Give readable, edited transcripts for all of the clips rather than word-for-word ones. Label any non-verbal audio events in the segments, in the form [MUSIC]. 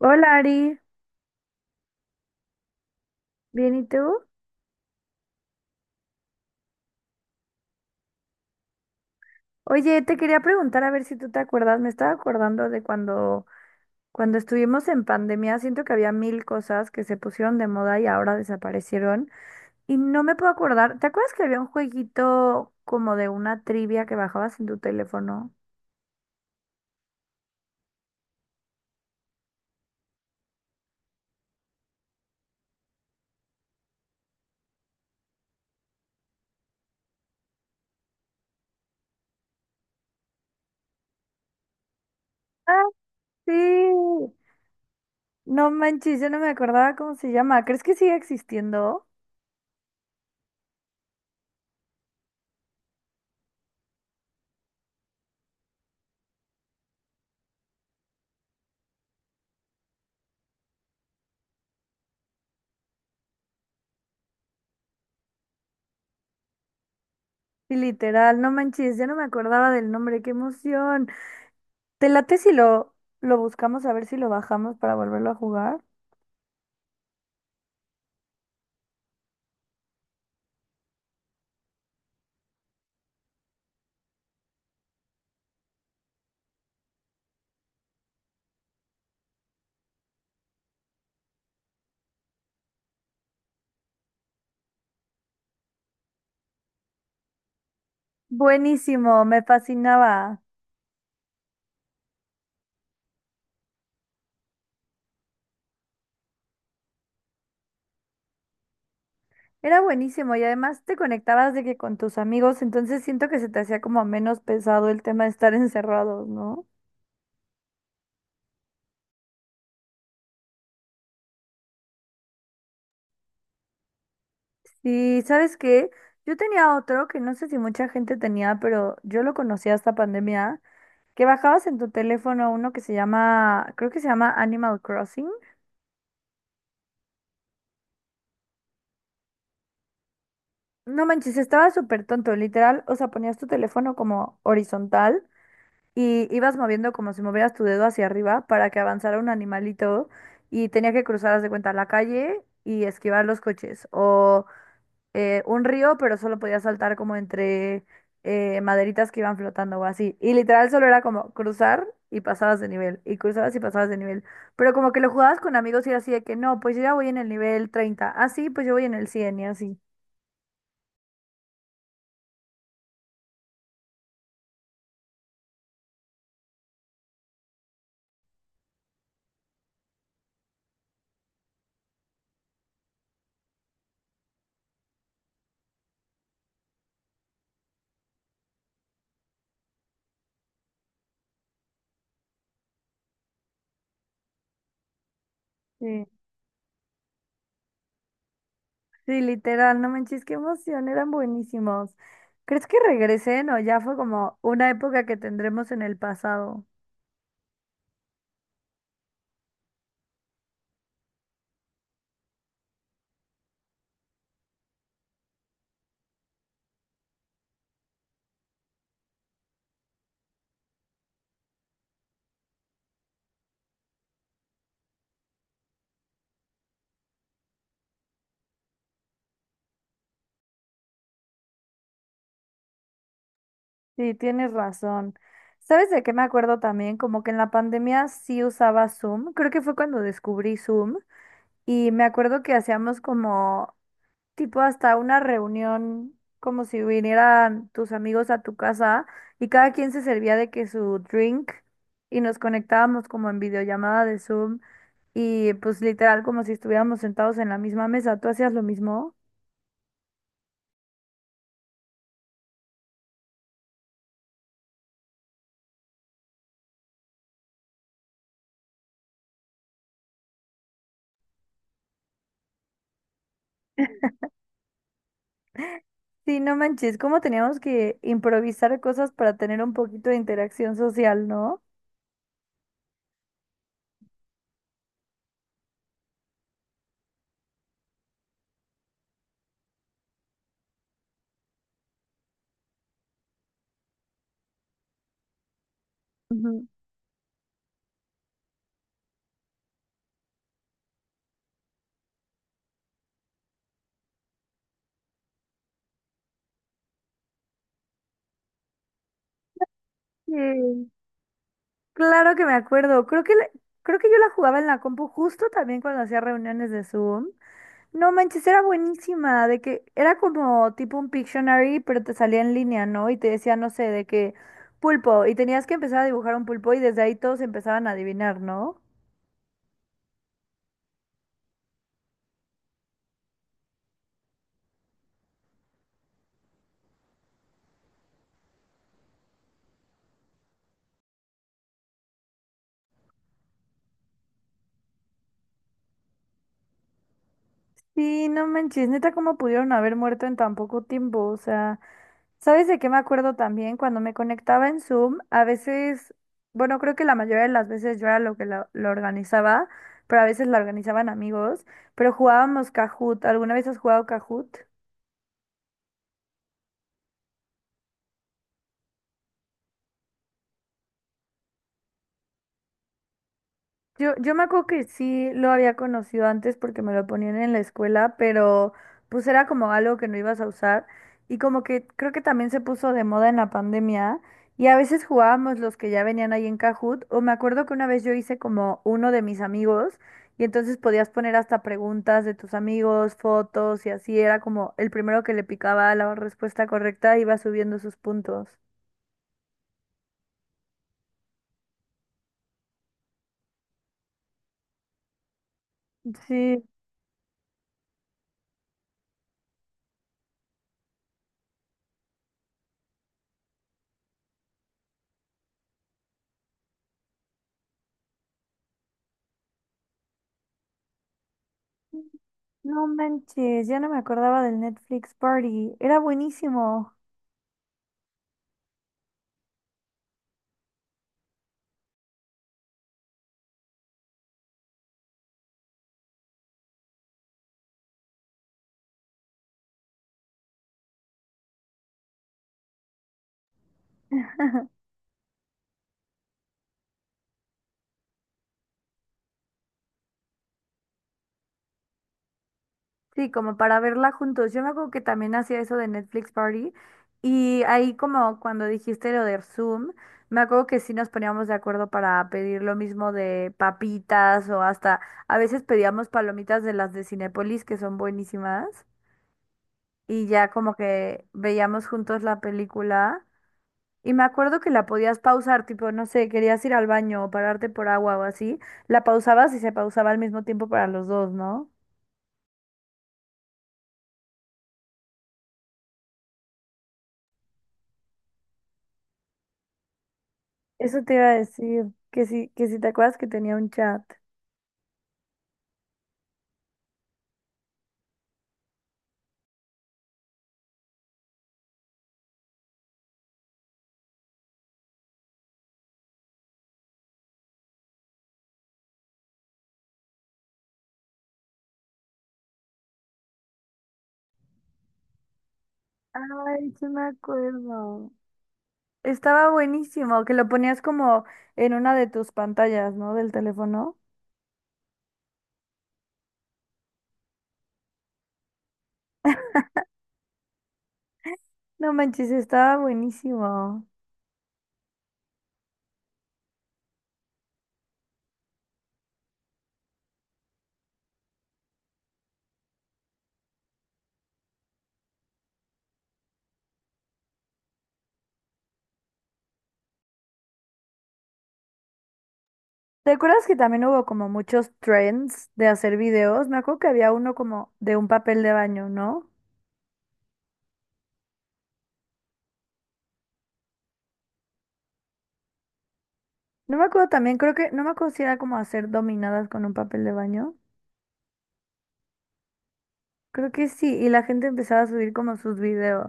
Hola Ari, ¿bien y tú? Oye, te quería preguntar a ver si tú te acuerdas, me estaba acordando de cuando estuvimos en pandemia, siento que había mil cosas que se pusieron de moda y ahora desaparecieron y no me puedo acordar, ¿te acuerdas que había un jueguito como de una trivia que bajabas en tu teléfono? Ah, sí. No manches, yo no me acordaba cómo se llama, ¿crees que sigue existiendo? Sí, literal, no manches, ya no me acordaba del nombre, qué emoción. ¿Te late si lo buscamos a ver si lo bajamos para volverlo a jugar? Buenísimo, me fascinaba. Era buenísimo y además te conectabas de que con tus amigos, entonces siento que se te hacía como menos pesado el tema de estar [LAUGHS] encerrados, ¿no? Sí, ¿sabes qué? Yo tenía otro que no sé si mucha gente tenía, pero yo lo conocía hasta pandemia, que bajabas en tu teléfono uno que se llama, creo que se llama Animal Crossing. No manches, estaba súper tonto, literal, o sea, ponías tu teléfono como horizontal. Y ibas moviendo como si movieras tu dedo hacia arriba para que avanzara un animalito y tenía que cruzar, haz de cuenta, la calle y esquivar los coches o un río, pero solo podía saltar como entre maderitas que iban flotando o así. Y literal solo era como cruzar y pasabas de nivel y cruzabas y pasabas de nivel. Pero como que lo jugabas con amigos y era así de que no, pues yo ya voy en el nivel 30, ah sí, pues yo voy en el 100 y así. Sí. Sí, literal, no manches, qué emoción, eran buenísimos. ¿Crees que regresen o ya fue como una época que tendremos en el pasado? Sí, tienes razón. ¿Sabes de qué me acuerdo también? Como que en la pandemia sí usaba Zoom, creo que fue cuando descubrí Zoom y me acuerdo que hacíamos como tipo hasta una reunión como si vinieran tus amigos a tu casa y cada quien se servía de que su drink y nos conectábamos como en videollamada de Zoom y pues literal como si estuviéramos sentados en la misma mesa. ¿Tú hacías lo mismo? Sí, no manches, cómo teníamos que improvisar cosas para tener un poquito de interacción social, ¿no? Ujú. Sí. Claro que me acuerdo. Creo que yo la jugaba en la compu justo también cuando hacía reuniones de Zoom. No manches, era buenísima, de que era como tipo un Pictionary, pero te salía en línea, ¿no? Y te decía, no sé, de que pulpo, y tenías que empezar a dibujar un pulpo y desde ahí todos empezaban a adivinar, ¿no? Sí, no manches, neta, ¿cómo pudieron haber muerto en tan poco tiempo? O sea, ¿sabes de qué me acuerdo también? Cuando me conectaba en Zoom, a veces, bueno, creo que la mayoría de las veces yo era lo que lo, organizaba, pero a veces la organizaban amigos, pero jugábamos Kahoot. ¿Alguna vez has jugado Kahoot? Yo me acuerdo que sí lo había conocido antes porque me lo ponían en la escuela, pero pues era como algo que no ibas a usar y como que creo que también se puso de moda en la pandemia y a veces jugábamos los que ya venían ahí en Kahoot o me acuerdo que una vez yo hice como uno de mis amigos y entonces podías poner hasta preguntas de tus amigos, fotos y así era como el primero que le picaba la respuesta correcta iba subiendo sus puntos. Sí. No manches, ya no me acordaba del Netflix Party. Era buenísimo. [LAUGHS] Sí, como para verla juntos. Yo me acuerdo que también hacía eso de Netflix Party y ahí como cuando dijiste lo de Zoom, me acuerdo que sí nos poníamos de acuerdo para pedir lo mismo de papitas o hasta a veces pedíamos palomitas de las de Cinépolis que son buenísimas y ya como que veíamos juntos la película. Y me acuerdo que la podías pausar, tipo, no sé, querías ir al baño o pararte por agua o así, la pausabas y se pausaba al mismo tiempo para los dos, ¿no? Eso te iba a decir, que si te acuerdas que tenía un chat. Ay, sí me acuerdo. Estaba buenísimo, que lo ponías como en una de tus pantallas, ¿no? Del teléfono. No manches, estaba buenísimo. ¿Te acuerdas que también hubo como muchos trends de hacer videos? Me acuerdo que había uno como de un papel de baño, ¿no? No me acuerdo también, creo que, no me acuerdo si era como hacer dominadas con un papel de baño. Creo que sí, y la gente empezaba a subir como sus videos.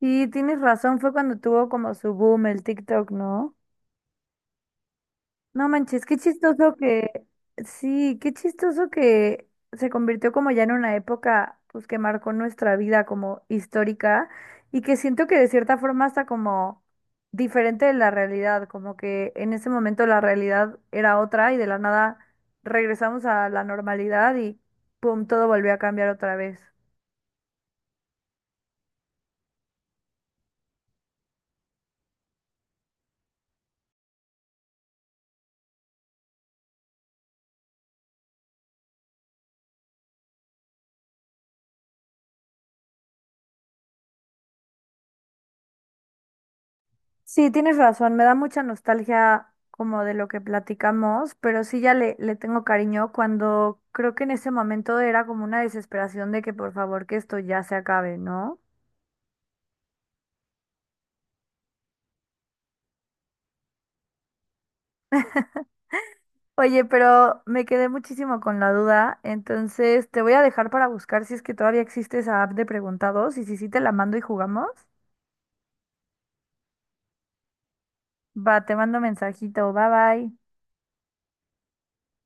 Y tienes razón, fue cuando tuvo como su boom el TikTok, ¿no? No manches, qué chistoso que, sí, qué chistoso que se convirtió como ya en una época pues que marcó nuestra vida como histórica y que siento que de cierta forma está como diferente de la realidad, como que en ese momento la realidad era otra y de la nada regresamos a la normalidad y pum, todo volvió a cambiar otra vez. Sí, tienes razón, me da mucha nostalgia como de lo que platicamos, pero sí ya le tengo cariño cuando creo que en ese momento era como una desesperación de que por favor que esto ya se acabe, ¿no? Oye, pero me quedé muchísimo con la duda, entonces te voy a dejar para buscar si es que todavía existe esa app de preguntados y si sí te la mando y jugamos. Va, te mando mensajito, bye bye.